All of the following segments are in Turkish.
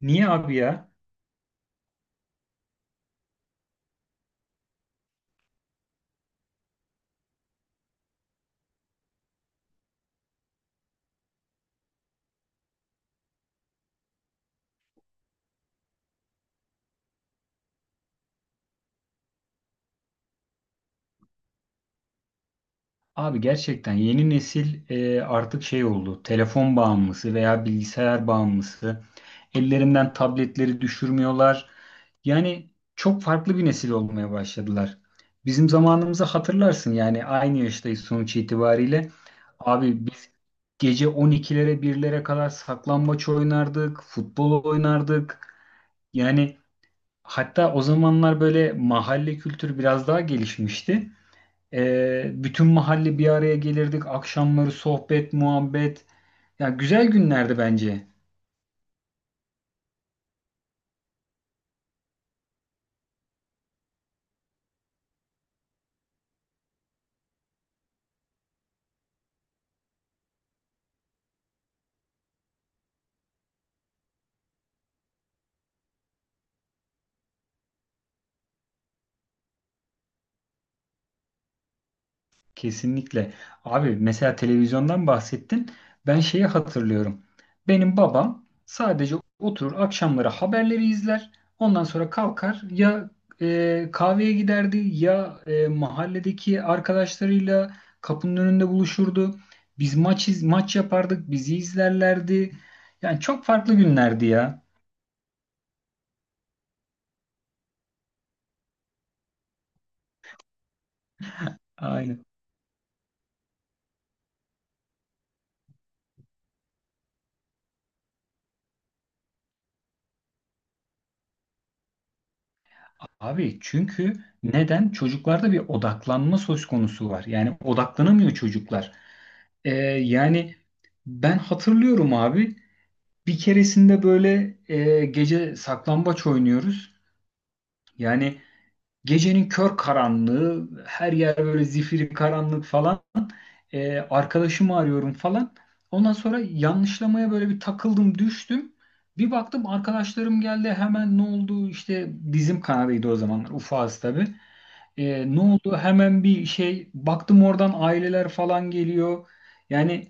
Niye abi ya? Abi gerçekten yeni nesil artık şey oldu. Telefon bağımlısı veya bilgisayar bağımlısı. Ellerinden tabletleri düşürmüyorlar. Yani çok farklı bir nesil olmaya başladılar. Bizim zamanımızı hatırlarsın yani aynı yaştayız sonuç itibariyle. Abi biz gece 12'lere birlere kadar saklambaç oynardık, futbol oynardık. Yani hatta o zamanlar böyle mahalle kültürü biraz daha gelişmişti. Bütün mahalle bir araya gelirdik. Akşamları sohbet, muhabbet. Ya güzel günlerdi bence. Kesinlikle. Abi mesela televizyondan bahsettin. Ben şeyi hatırlıyorum. Benim babam sadece oturur akşamları haberleri izler. Ondan sonra kalkar ya kahveye giderdi ya mahalledeki arkadaşlarıyla kapının önünde buluşurdu. Biz maç yapardık, bizi izlerlerdi. Yani çok farklı günlerdi ya. Aynen. Abi çünkü neden? Çocuklarda bir odaklanma söz konusu var. Yani odaklanamıyor çocuklar. Ee, Yani ben hatırlıyorum abi bir keresinde böyle gece saklambaç oynuyoruz. Yani gecenin kör karanlığı, her yer böyle zifiri karanlık falan. Arkadaşımı arıyorum falan. Ondan sonra yanlışlamaya böyle bir takıldım, düştüm. Bir baktım arkadaşlarım geldi hemen ne oldu işte dizim kanadıydı o zamanlar ufağız tabii. E, ne oldu? Hemen bir şey baktım oradan aileler falan geliyor. Yani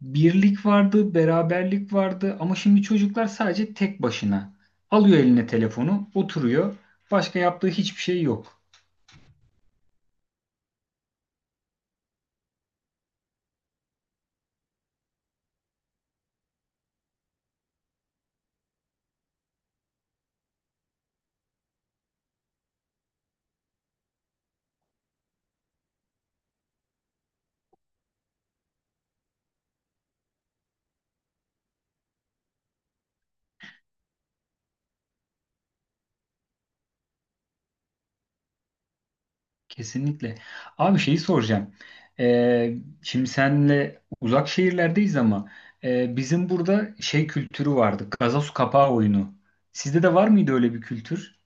birlik vardı, beraberlik vardı ama şimdi çocuklar sadece tek başına. Alıyor eline telefonu, oturuyor. Başka yaptığı hiçbir şey yok. Kesinlikle. Abi şeyi soracağım. E, şimdi senle uzak şehirlerdeyiz ama bizim burada şey kültürü vardı. Gazoz kapağı oyunu. Sizde de var mıydı öyle bir kültür?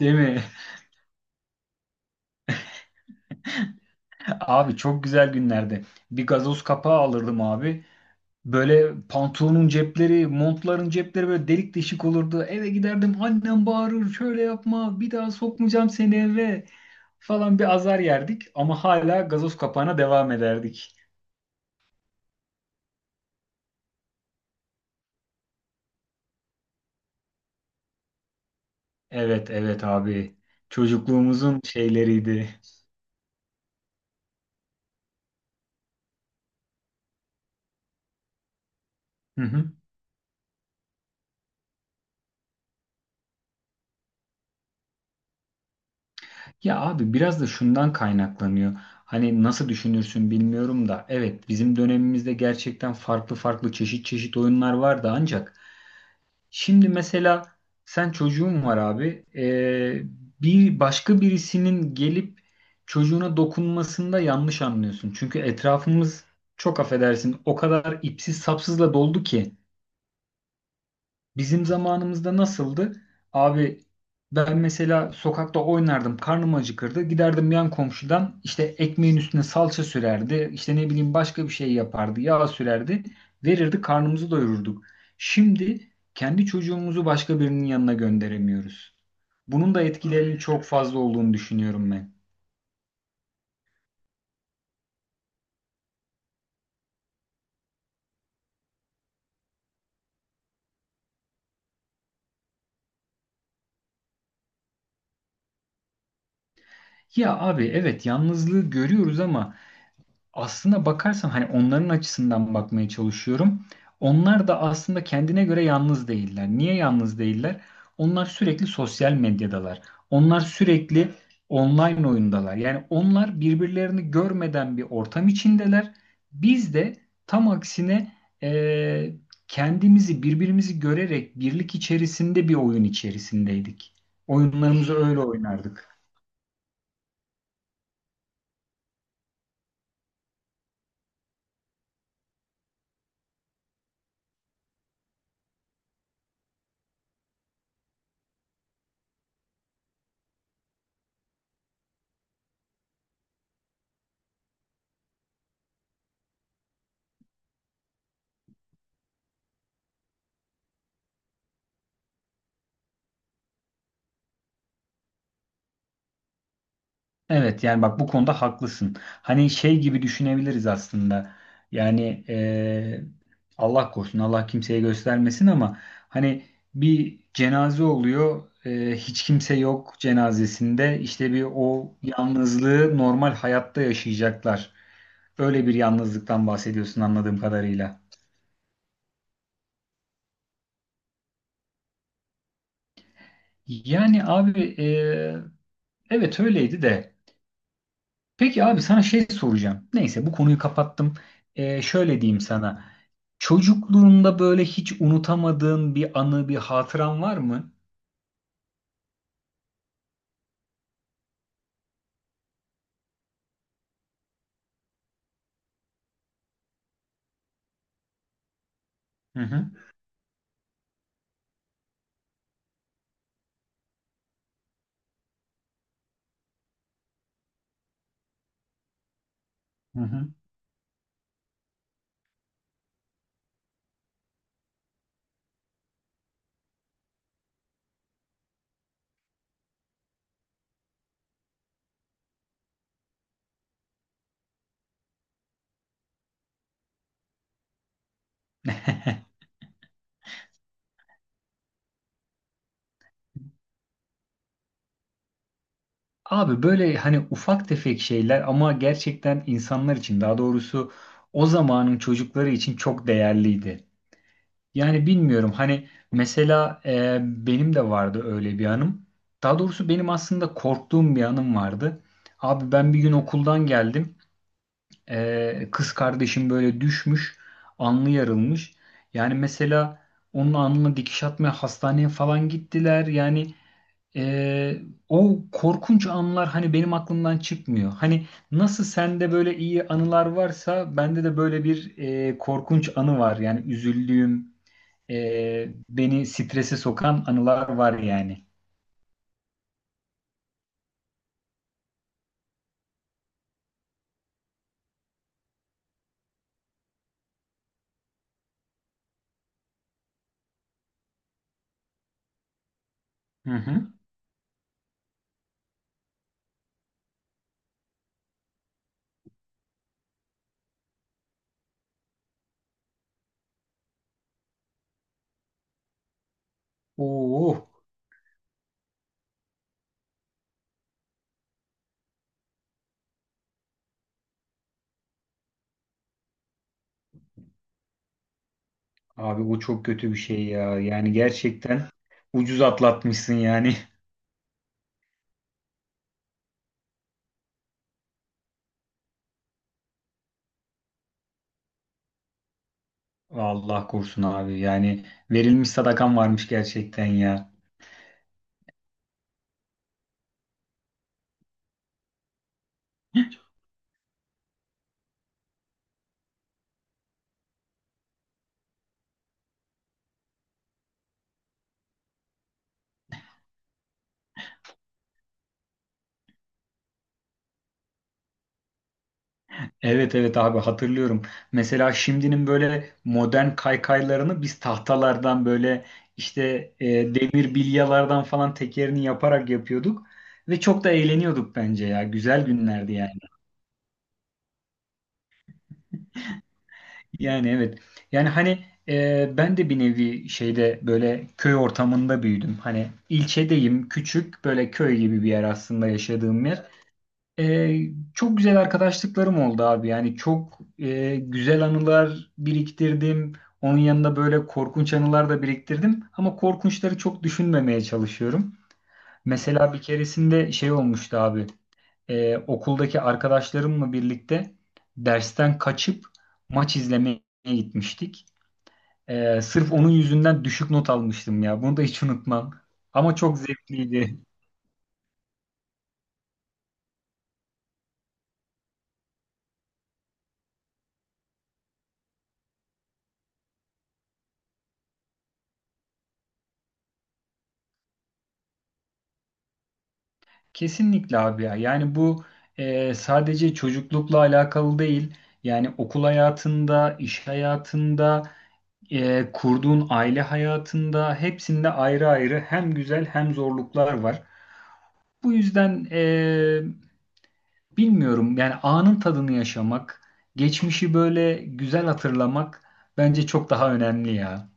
Değil mi? Abi çok güzel günlerdi. Bir gazoz kapağı alırdım abi. Böyle pantolonun cepleri, montların cepleri böyle delik deşik olurdu. Eve giderdim annem bağırır şöyle yapma bir daha sokmayacağım seni eve falan bir azar yerdik. Ama hala gazoz kapağına devam ederdik. Evet evet abi çocukluğumuzun şeyleriydi. Hı hı. Ya abi biraz da şundan kaynaklanıyor. Hani nasıl düşünürsün bilmiyorum da evet bizim dönemimizde gerçekten farklı farklı çeşit çeşit oyunlar vardı ancak şimdi mesela sen çocuğun var abi. Bir başka birisinin gelip çocuğuna dokunmasında yanlış anlıyorsun. Çünkü etrafımız çok affedersin o kadar ipsiz sapsızla doldu ki. Bizim zamanımızda nasıldı? Abi ben mesela sokakta oynardım, karnım acıkırdı. Giderdim yan komşudan işte ekmeğin üstüne salça sürerdi. İşte ne bileyim başka bir şey yapardı, yağ sürerdi. Verirdi, karnımızı doyururduk. Şimdi kendi çocuğumuzu başka birinin yanına gönderemiyoruz. Bunun da etkilerinin çok fazla olduğunu düşünüyorum ben. Ya abi evet yalnızlığı görüyoruz ama aslında bakarsan hani onların açısından bakmaya çalışıyorum. Onlar da aslında kendine göre yalnız değiller. Niye yalnız değiller? Onlar sürekli sosyal medyadalar. Onlar sürekli online oyundalar. Yani onlar birbirlerini görmeden bir ortam içindeler. Biz de tam aksine eee, kendimizi birbirimizi görerek birlik içerisinde bir oyun içerisindeydik. Oyunlarımızı öyle oynardık. Evet yani bak bu konuda haklısın. Hani şey gibi düşünebiliriz aslında. Yani Allah korusun Allah kimseye göstermesin ama hani bir cenaze oluyor. Hiç kimse yok cenazesinde. İşte bir o yalnızlığı normal hayatta yaşayacaklar. Öyle bir yalnızlıktan bahsediyorsun anladığım kadarıyla. Yani abi, evet öyleydi de. Peki abi sana şey soracağım. Neyse bu konuyu kapattım. Şöyle diyeyim sana. Çocukluğunda böyle hiç unutamadığın bir anı, bir hatıran var mı? Hı hı. Hı hı. Abi böyle hani ufak tefek şeyler ama gerçekten insanlar için daha doğrusu o zamanın çocukları için çok değerliydi. Yani bilmiyorum hani mesela benim de vardı öyle bir anım. Daha doğrusu benim aslında korktuğum bir anım vardı. Abi ben bir gün okuldan geldim. Kız kardeşim böyle düşmüş, alnı yarılmış. Yani mesela onun alnına dikiş atmaya hastaneye falan gittiler. Yani ee, o korkunç anlar hani benim aklımdan çıkmıyor. Hani nasıl sende böyle iyi anılar varsa bende de böyle bir korkunç anı var. Yani üzüldüğüm, beni strese sokan anılar var yani. Hı hı. Oo, abi o çok kötü bir şey ya. Yani gerçekten ucuz atlatmışsın yani. Allah korusun abi. Yani verilmiş sadakan varmış gerçekten ya. Evet evet abi hatırlıyorum. Mesela şimdinin böyle modern kaykaylarını biz tahtalardan böyle işte e, demir bilyalardan falan tekerini yaparak yapıyorduk. Ve çok da eğleniyorduk bence ya. Güzel günlerdi yani. Yani evet. Yani hani, ben de bir nevi şeyde böyle köy ortamında büyüdüm. Hani ilçedeyim, küçük böyle köy gibi bir yer aslında yaşadığım yer. Ee, Çok güzel arkadaşlıklarım oldu abi. Yani çok güzel anılar biriktirdim. Onun yanında böyle korkunç anılar da biriktirdim. Ama korkunçları çok düşünmemeye çalışıyorum. Mesela bir keresinde şey olmuştu abi. Okuldaki arkadaşlarımla birlikte dersten kaçıp maç izlemeye gitmiştik. Sırf onun yüzünden düşük not almıştım ya. Bunu da hiç unutmam. Ama çok zevkliydi. Kesinlikle abi ya. Yani bu sadece çocuklukla alakalı değil. Yani okul hayatında, iş hayatında, kurduğun aile hayatında hepsinde ayrı ayrı hem güzel hem zorluklar var. Bu yüzden bilmiyorum yani anın tadını yaşamak, geçmişi böyle güzel hatırlamak bence çok daha önemli ya.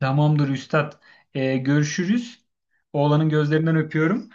Tamamdır üstad. E, görüşürüz. Oğlanın gözlerinden öpüyorum.